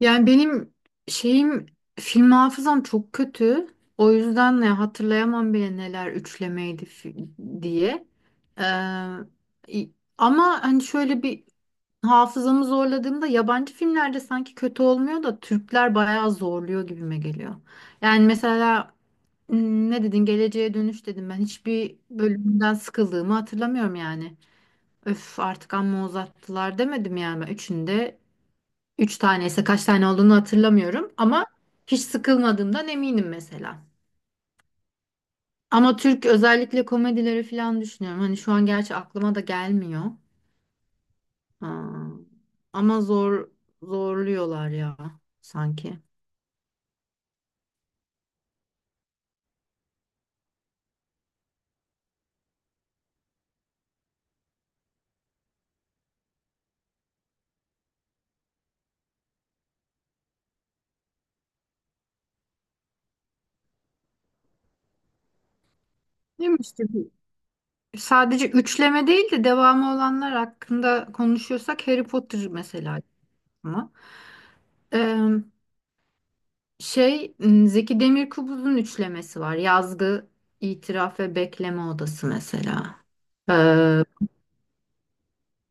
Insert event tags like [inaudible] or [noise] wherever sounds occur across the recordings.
Yani benim şeyim film hafızam çok kötü. O yüzden ne hatırlayamam bile neler üçlemeydi diye. Ee, i- ama hani şöyle bir hafızamı zorladığımda yabancı filmlerde sanki kötü olmuyor da Türkler bayağı zorluyor gibime geliyor. Yani mesela ne dedin Geleceğe Dönüş dedim, ben hiçbir bölümünden sıkıldığımı hatırlamıyorum yani. Öf, artık amma uzattılar demedim yani, ben üçünde. Üç tane ise kaç tane olduğunu hatırlamıyorum ama hiç sıkılmadığımdan eminim mesela. Ama Türk özellikle komedileri falan düşünüyorum. Hani şu an gerçi aklıma da gelmiyor. Aa, ama zorluyorlar ya sanki. Değil mi işte? Sadece üçleme değil de devamı olanlar hakkında konuşuyorsak Harry Potter mesela. Aklıma. Ee, Şey Zeki Demirkubuz'un üçlemesi var. Yazgı, İtiraf ve Bekleme Odası mesela.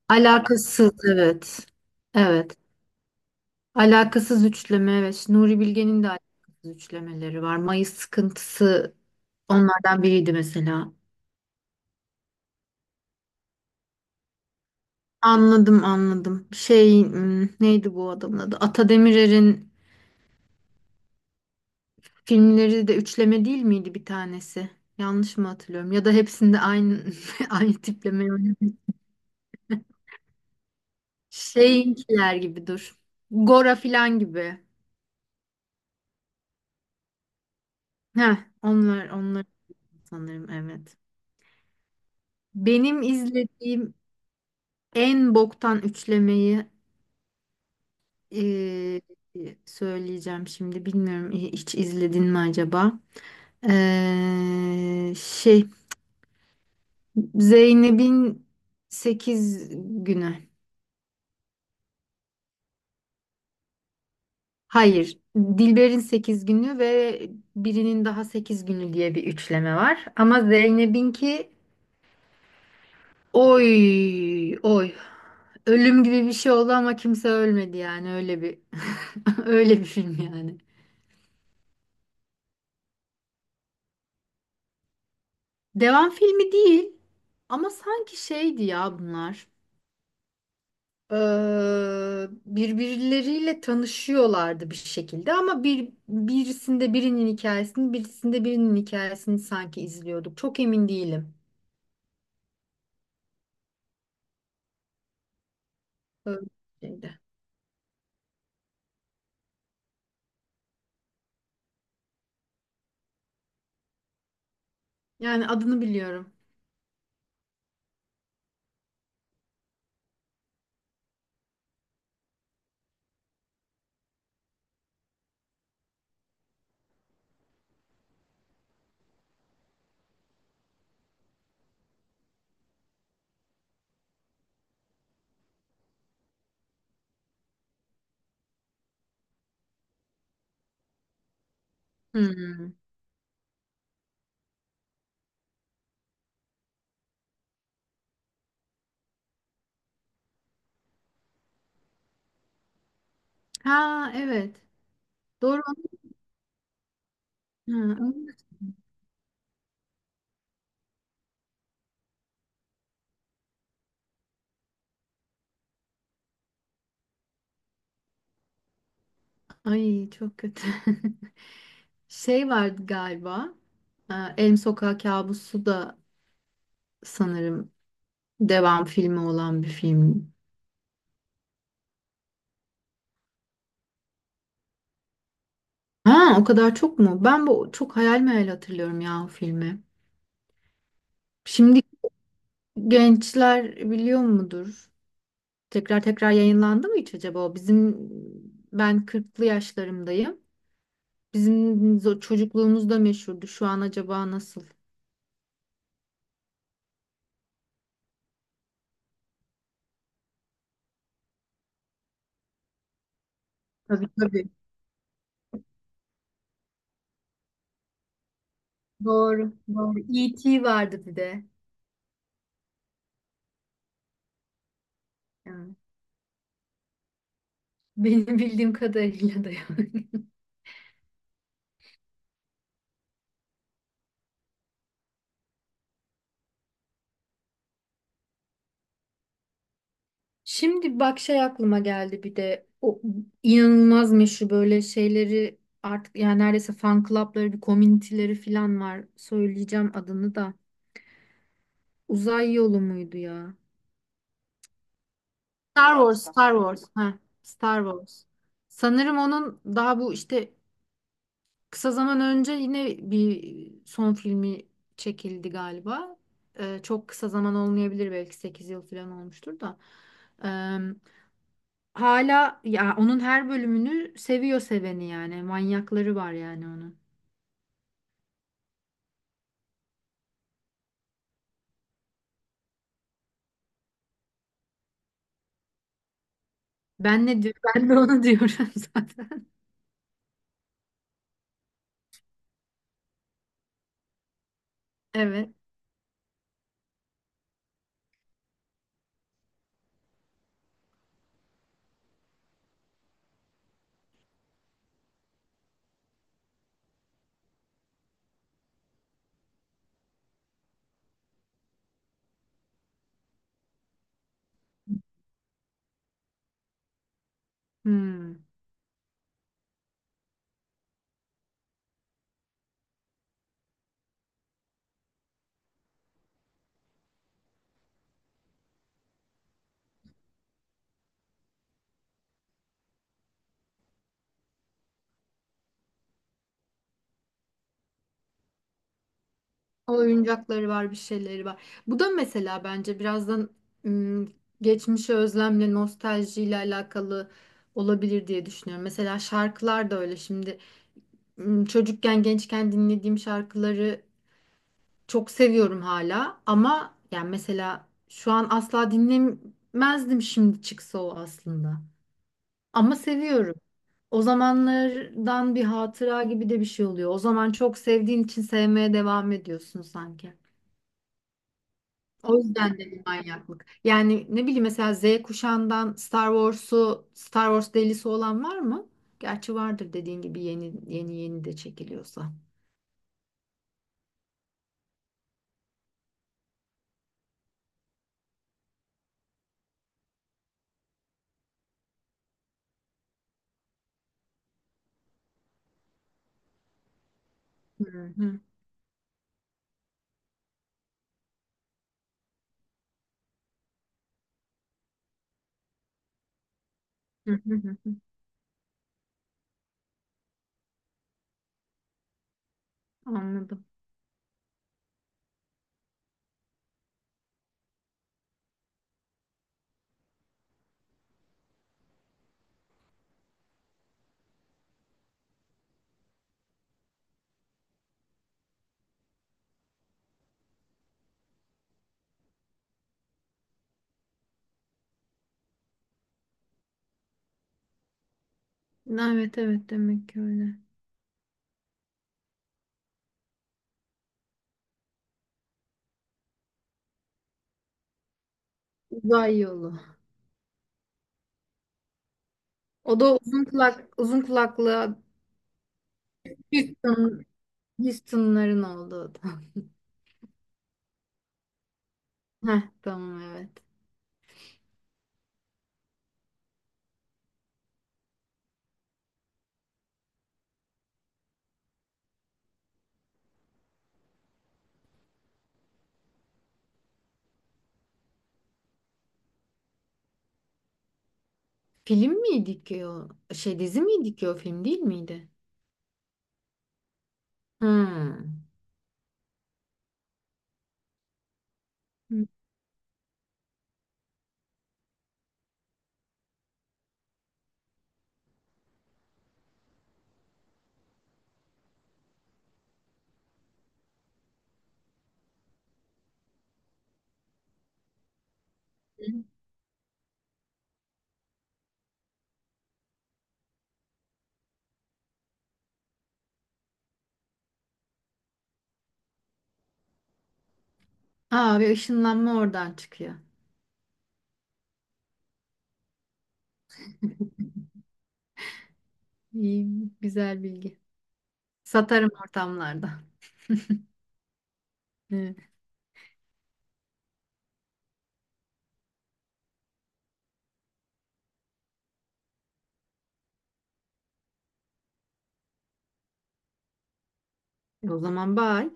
Alakasız, evet. Evet. Alakasız üçleme, evet. Nuri Bilge'nin de alakasız üçlemeleri var. Mayıs sıkıntısı onlardan biriydi mesela. Anladım, anladım. Şey, neydi bu adamın adı? Ata Demirer'in filmleri de üçleme değil miydi bir tanesi? Yanlış mı hatırlıyorum? Ya da hepsinde aynı [laughs] aynı tipleme oynuyor. Şeyinkiler gibi, dur. Gora filan gibi. Heh, onlar sanırım, evet. Benim izlediğim en boktan üçlemeyi eee, söyleyeceğim şimdi. Bilmiyorum, hiç izledin mi acaba? Şey, Zeynep'in sekiz günü. Hayır, Dilber'in sekiz günü ve birinin daha sekiz günü diye bir üçleme var. Ama Zeynep'inki, oy oy. Ölüm gibi bir şey oldu ama kimse ölmedi yani, öyle bir [laughs] öyle bir film yani. Devam filmi değil ama sanki şeydi ya bunlar. Birbirleriyle tanışıyorlardı bir şekilde ama bir birisinde birinin hikayesini, birisinde birinin hikayesini sanki izliyorduk. Çok emin değilim. Öyle bir şeydi. Yani adını biliyorum. Hmm. Ha, evet. Doğru. Ha, öyle. Ay, çok kötü. [laughs] Şey vardı galiba. Elm Sokağı Kabusu da sanırım devam filmi olan bir film. Ha, o kadar çok mu? Ben bu çok hayal meyal hatırlıyorum ya o filmi. Şimdi gençler biliyor mudur? Tekrar tekrar yayınlandı mı hiç acaba? O? Ben kırklı yaşlarımdayım. Bizim çocukluğumuzda meşhurdu. Şu an acaba nasıl? Tabii, tabii. Doğru, doğru. E.T. vardı bir de. Yani benim [laughs] bildiğim kadarıyla da yani. Şimdi bak, şey aklıma geldi, bir de o inanılmaz meşhur böyle şeyleri artık yani, neredeyse fan club'ları, bir community'leri falan var. Söyleyeceğim adını da. Uzay yolu muydu ya? Star Wars, Star Wars. Ha, Star Wars. Sanırım onun daha bu işte kısa zaman önce yine bir son filmi çekildi galiba. Çok kısa zaman olmayabilir, belki 8 yıl falan olmuştur da. Hala ya onun her bölümünü seviyor seveni yani. Manyakları var yani onun. Ben ne diyorum? Ben de onu [laughs] diyorum zaten. Evet. Hmm. Oyuncakları var, bir şeyleri var. Bu da mesela bence birazdan ım, geçmişe özlemle, nostaljiyle alakalı olabilir diye düşünüyorum. Mesela şarkılar da öyle. Şimdi çocukken, gençken dinlediğim şarkıları çok seviyorum hala ama yani mesela şu an asla dinlemezdim, şimdi çıksa o aslında. Ama seviyorum. O zamanlardan bir hatıra gibi de bir şey oluyor. O zaman çok sevdiğin için sevmeye devam ediyorsun sanki. O yüzden de bir manyaklık. Yani ne bileyim, mesela Z kuşağından Star Wars'u, Star Wars delisi olan var mı? Gerçi vardır, dediğin gibi yeni yeni yeni de çekiliyorsa. Hı hı. Hı hı, hı hı. Anladım. Evet, evet, demek ki öyle. Uzay yolu. O da uzun kulak, uzun kulaklı. Houston, Houston'ların olduğu da. [laughs] Heh, tamam, evet. Film miydi ki o? Şey, dizi miydi ki, o film değil miydi? Hmm. Hı hı. Aa, ve ışınlanma oradan çıkıyor. [laughs] İyi, güzel bilgi. Satarım ortamlarda. Evet. O zaman bye.